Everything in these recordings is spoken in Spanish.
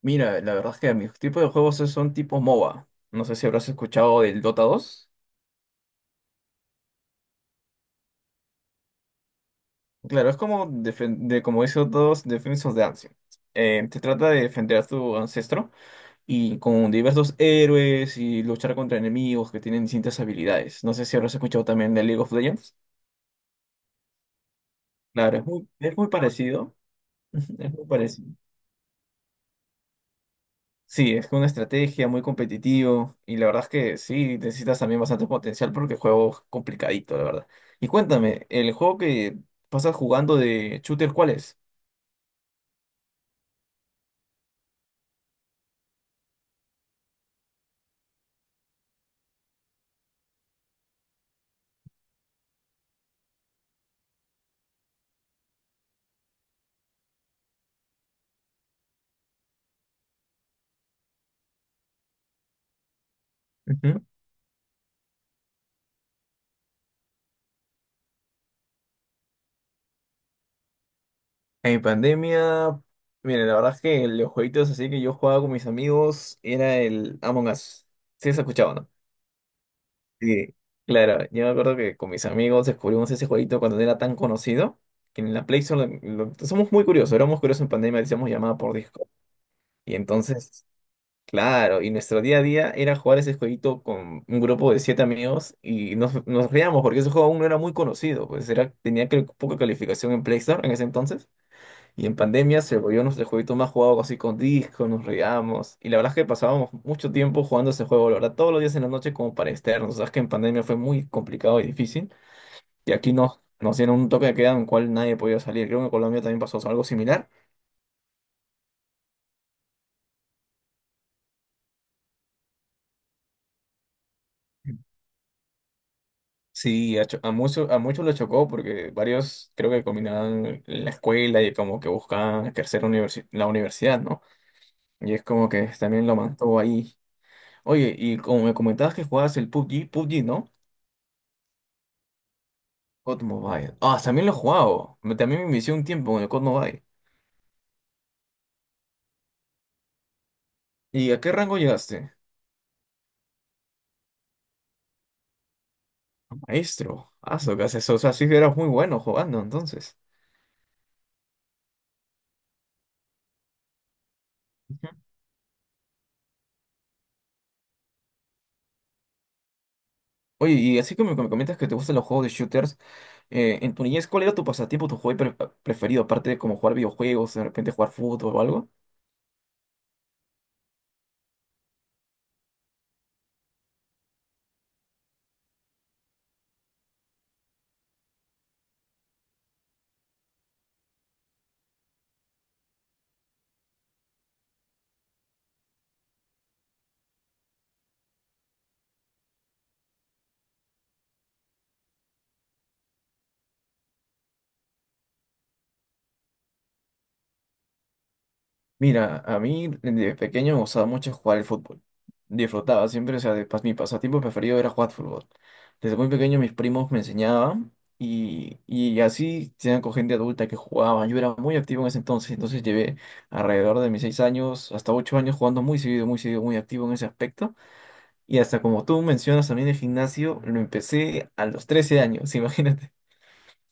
Mira, la verdad es que mis tipos de juegos son tipo MOBA. No sé si habrás escuchado del Dota 2. Claro, es como, como dice Dota 2, Defense of the Ancient. Se trata de defender a tu ancestro y con diversos héroes y luchar contra enemigos que tienen distintas habilidades. No sé si habrás escuchado también de League of Legends. Claro, es muy parecido. Es muy parecido. Sí, es que una estrategia muy competitivo y la verdad es que sí, necesitas también bastante potencial porque el juego es complicadito, la verdad. Y cuéntame, el juego que pasas jugando de shooter, ¿cuál es? Ujú. En pandemia, mire, la verdad es que los jueguitos así que yo jugaba con mis amigos era el Among Us. Sí, ¿has escuchado?, ¿no? Sí. Claro, yo me acuerdo que con mis amigos descubrimos ese jueguito cuando no era tan conocido, que en la Play Store somos muy curiosos, éramos curiosos en pandemia, decíamos llamada por Discord. Y entonces Claro, y nuestro día a día era jugar ese jueguito con un grupo de siete amigos y nos reíamos porque ese juego aún no era muy conocido, pues era, tenía creo, que poca calificación en Play Store en ese entonces y en pandemia se volvió nuestro jueguito más jugado así con disco, nos reíamos y la verdad es que pasábamos mucho tiempo jugando ese juego, la verdad, todos los días en la noche como para externos, sabes que en pandemia fue muy complicado y difícil y aquí nos dieron un toque de queda en el cual nadie podía salir, creo que en Colombia también pasó algo similar. Sí, a muchos lo chocó porque varios creo que combinaban la escuela y como que buscaban ejercer la universidad, ¿no? Y es como que también lo mantuvo ahí. Oye, y como me comentabas que jugabas el PUBG, ¿no? COD Mobile. Ah, también lo he jugado. También me inicié un tiempo con el COD Mobile. ¿Y a qué rango llegaste? Maestro. Ah, so que haces eso. O sea, sí que eras muy bueno jugando entonces. Ujú. Oye, y así como me comentas que te gustan los juegos de shooters. En tu niñez, ¿cuál era tu pasatiempo, tu hobby preferido, aparte de como jugar videojuegos, de repente jugar fútbol o algo? Mira, a mí de pequeño me gustaba mucho jugar el fútbol. Disfrutaba siempre, o sea, mi pasatiempo preferido era jugar fútbol. Desde muy pequeño mis primos me enseñaban y así tenían con gente adulta que jugaba. Yo era muy activo en ese entonces, entonces llevé alrededor de mis 6 años hasta 8 años jugando muy seguido, muy seguido, muy activo en ese aspecto. Y hasta como tú mencionas también el gimnasio, lo empecé a los 13 años, imagínate.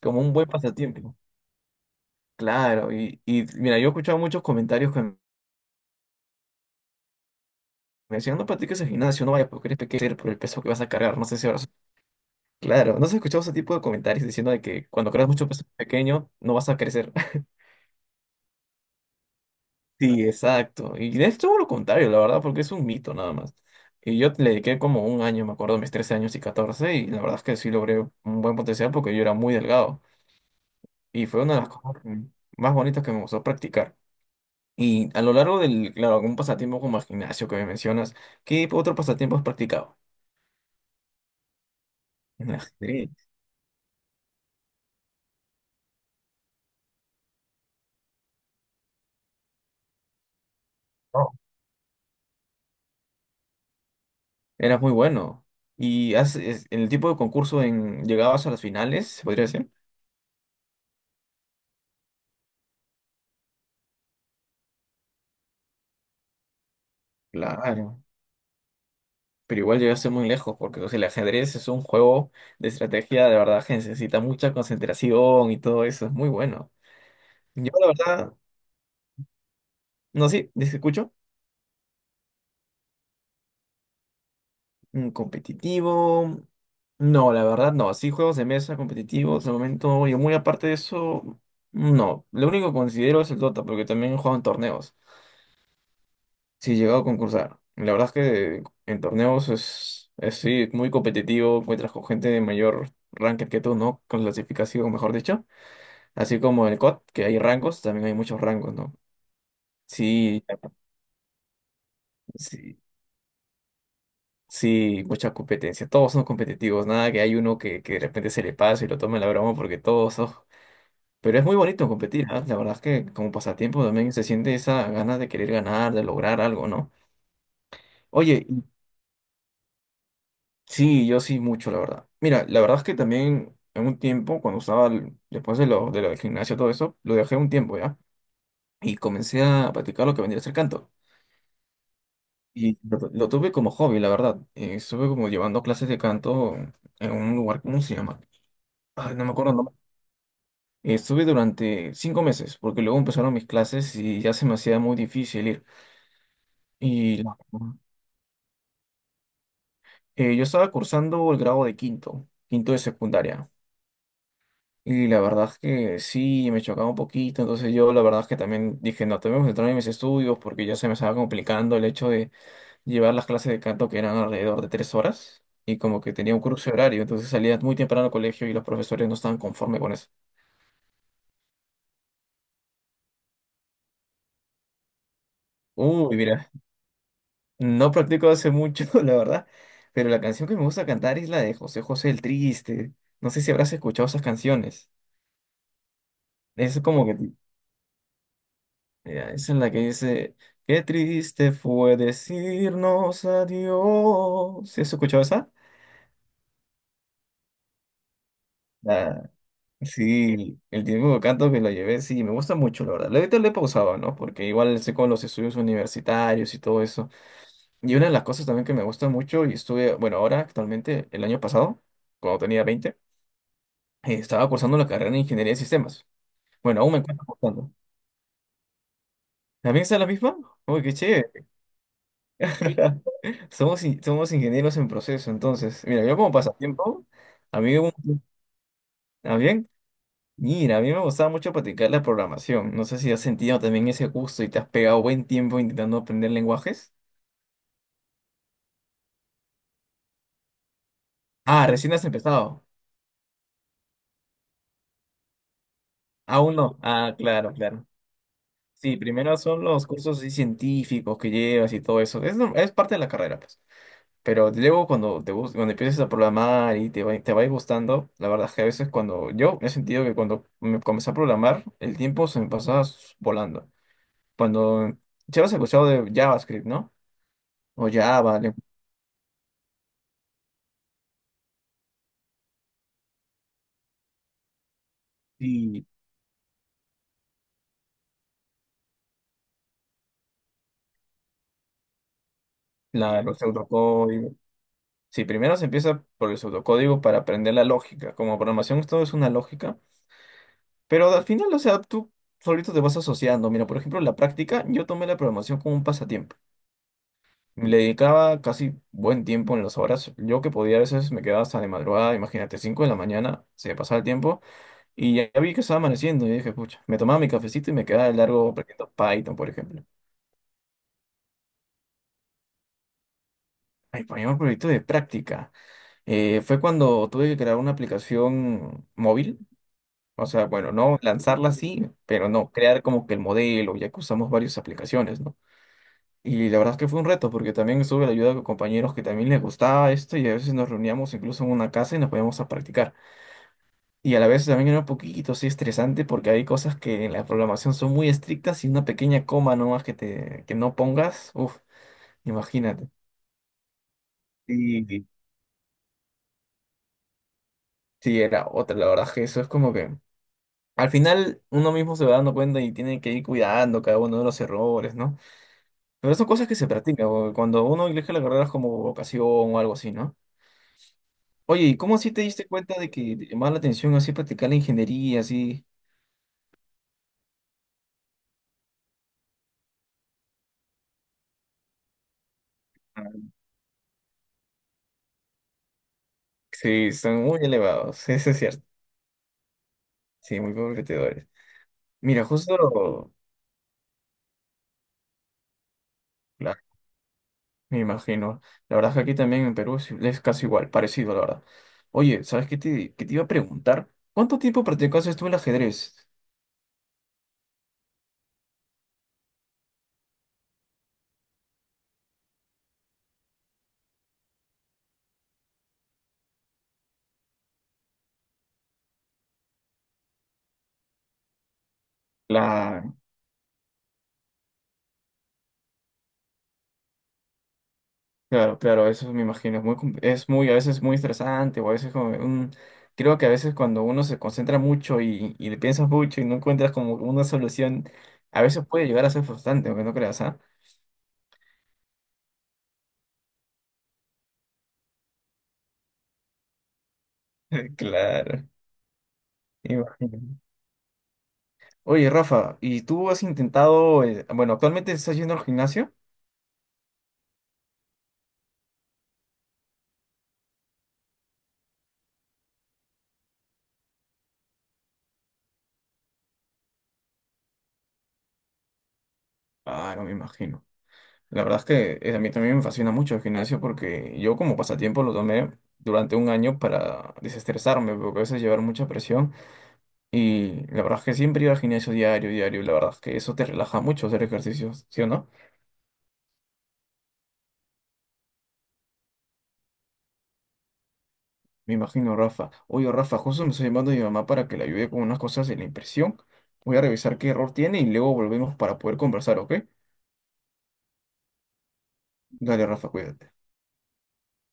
Como un buen pasatiempo. Claro, y mira, yo he escuchado muchos comentarios que me decían, no practiques el gimnasio, no vayas porque eres pequeño por el peso que vas a cargar, no sé si ahora... Claro, ¿no has escuchado ese tipo de comentarios diciendo de que cuando cargas mucho peso pequeño no vas a crecer? Sí, exacto. Y es todo lo contrario, la verdad, porque es un mito nada más. Y yo le dediqué como un año, me acuerdo, mis 13 años y 14 y la verdad es que sí logré un buen potencial porque yo era muy delgado. Y fue una de las cosas más bonitas que me gustó practicar. Y a lo largo del, claro, un pasatiempo como el gimnasio que me mencionas, ¿qué otro pasatiempo has practicado? El ajedrez. No. Eras muy bueno. ¿Y en el tipo de concurso en, llegabas a las finales, se podría decir? Claro. Pero igual llegaste muy lejos, porque o sea, el ajedrez es un juego de estrategia de verdad que necesita mucha concentración y todo eso. Es muy bueno. Yo, la verdad, no sí ¿te escucho? Competitivo. No, la verdad no. Así juegos de mesa competitivos, de momento, y muy aparte de eso, no. Lo único que considero es el Dota, porque también he jugado en torneos. Sí, he llegado a concursar. La verdad es que en torneos es sí, muy competitivo, encuentras con gente de mayor ranking que tú, ¿no? Con clasificación, mejor dicho. Así como en el COD, que hay rangos, también hay muchos rangos, ¿no? Sí, sí. Sí, mucha competencia. Todos son competitivos, nada que hay uno que de repente se le pase y lo tome la broma porque todos son. Pero es muy bonito competir, ¿ah? La verdad es que como pasatiempo también se siente esa ganas de querer ganar, de lograr algo, ¿no? Oye, sí, yo sí mucho, la verdad. Mira, la verdad es que también en un tiempo, cuando estaba, después de lo del gimnasio, todo eso, lo dejé un tiempo, ¿ya? Y comencé a practicar lo que vendría a ser canto. Y lo tuve como hobby, la verdad. Estuve como llevando clases de canto en un lugar, ¿cómo se llama? Ay, no me acuerdo el nombre. Estuve durante 5 meses, porque luego empezaron mis clases y ya se me hacía muy difícil ir. Y la- yo estaba cursando el grado de quinto, quinto de secundaria. Y la verdad es que sí, me chocaba un poquito. Entonces yo la verdad es que también dije, no, tengo que centrarme en mis estudios porque ya se me estaba complicando el hecho de llevar las clases de canto que eran alrededor de 3 horas. Y como que tenía un cruce horario, entonces salía muy temprano al colegio y los profesores no estaban conformes con eso. Uy, mira, no practico hace mucho, la verdad. Pero la canción que me gusta cantar es la de José José, el Triste. No sé si habrás escuchado esas canciones. Es como que... Mira, esa es la que dice, qué triste fue decirnos adiós. ¿Sí has escuchado esa? La- sí, el tiempo de canto que la llevé, sí, me gusta mucho, la verdad. Ahorita le he pausado, ¿no? Porque igual sé con los estudios universitarios y todo eso. Y una de las cosas también que me gusta mucho, y estuve, bueno, ahora actualmente, el año pasado, cuando tenía 20, estaba cursando la carrera de Ingeniería de Sistemas. Bueno, aún me encuentro cursando. ¿También está la misma? ¡Uy, qué chévere! Somos ingenieros en proceso, entonces. Mira, yo como pasatiempo, a mí, ¿ah, bien? Mira, a mí me gustaba mucho practicar la programación. No sé si has sentido también ese gusto y te has pegado buen tiempo intentando aprender lenguajes. Ah, recién has empezado. Aún no. Ah, claro, claro. Sí, primero son los cursos así científicos que llevas y todo eso. Es, no- es parte de la carrera, pues. Pero luego cuando empiezas a programar y te va a ir gustando, la verdad es que a veces cuando yo he sentido que cuando me comencé a programar, el tiempo se me pasaba volando. Cuando ya has escuchado de JavaScript, ¿no? O Java, y los pseudocódigos. Sí, primero se empieza por el pseudocódigo para aprender la lógica. Como programación todo es una lógica, pero al final, o sea, tú solito te vas asociando. Mira, por ejemplo, en la práctica, yo tomé la programación como un pasatiempo. Le dedicaba casi buen tiempo en las horas. Yo que podía a veces me quedaba hasta de madrugada, imagínate, 5 de la mañana, se me pasaba el tiempo y ya vi que estaba amaneciendo y dije, pucha, me tomaba mi cafecito y me quedaba de largo aprendiendo Python, por ejemplo. Mi primer proyecto de práctica, fue cuando tuve que crear una aplicación móvil. O sea, bueno, no lanzarla así, pero no, crear como que el modelo, ya que usamos varias aplicaciones, ¿no? Y la verdad es que fue un reto, porque también estuve la ayuda de compañeros que también les gustaba esto y a veces nos reuníamos incluso en una casa y nos poníamos a practicar. Y a la vez también era un poquito así estresante porque hay cosas que en la programación son muy estrictas y una pequeña coma nomás que no pongas, uff, imagínate. Y sí, era otra, la verdad es que eso es como que al final uno mismo se va dando cuenta y tiene que ir cuidando cada uno de los errores, ¿no? Pero son cosas que se practican, o cuando uno elige la carrera es como vocación o algo así, ¿no? Oye, ¿y cómo así te diste cuenta de que te llamaba la atención así practicar la ingeniería, así? Ah, sí, son muy elevados, eso es cierto. Sí, muy competidores. Mira, justo, claro, me imagino. La verdad es que aquí también en Perú es casi igual, parecido, la verdad. Oye, ¿sabes qué te iba a preguntar? ¿Cuánto tiempo practicaste tú el ajedrez? Claro, claro, eso me imagino, es muy, es muy, a veces muy estresante, o a veces como, creo que a veces cuando uno se concentra mucho y le piensas mucho y no encuentras como una solución, a veces puede llegar a ser frustrante, aunque no creas, ¿ah? Claro, me imagino. Oye, Rafa, ¿y tú has intentado, bueno, actualmente estás yendo al gimnasio? Ah, no me imagino. La verdad es que a mí también me fascina mucho el gimnasio porque yo como pasatiempo lo tomé durante un año para desestresarme, porque a veces llevar mucha presión. Y la verdad es que siempre iba al gimnasio diario, diario. La verdad es que eso te relaja mucho hacer ejercicios, ¿sí o no? Me imagino, Rafa. Oye, Rafa, justo me está llamando mi mamá para que le ayude con unas cosas de la impresión. Voy a revisar qué error tiene y luego volvemos para poder conversar, ¿ok? Dale, Rafa, cuídate.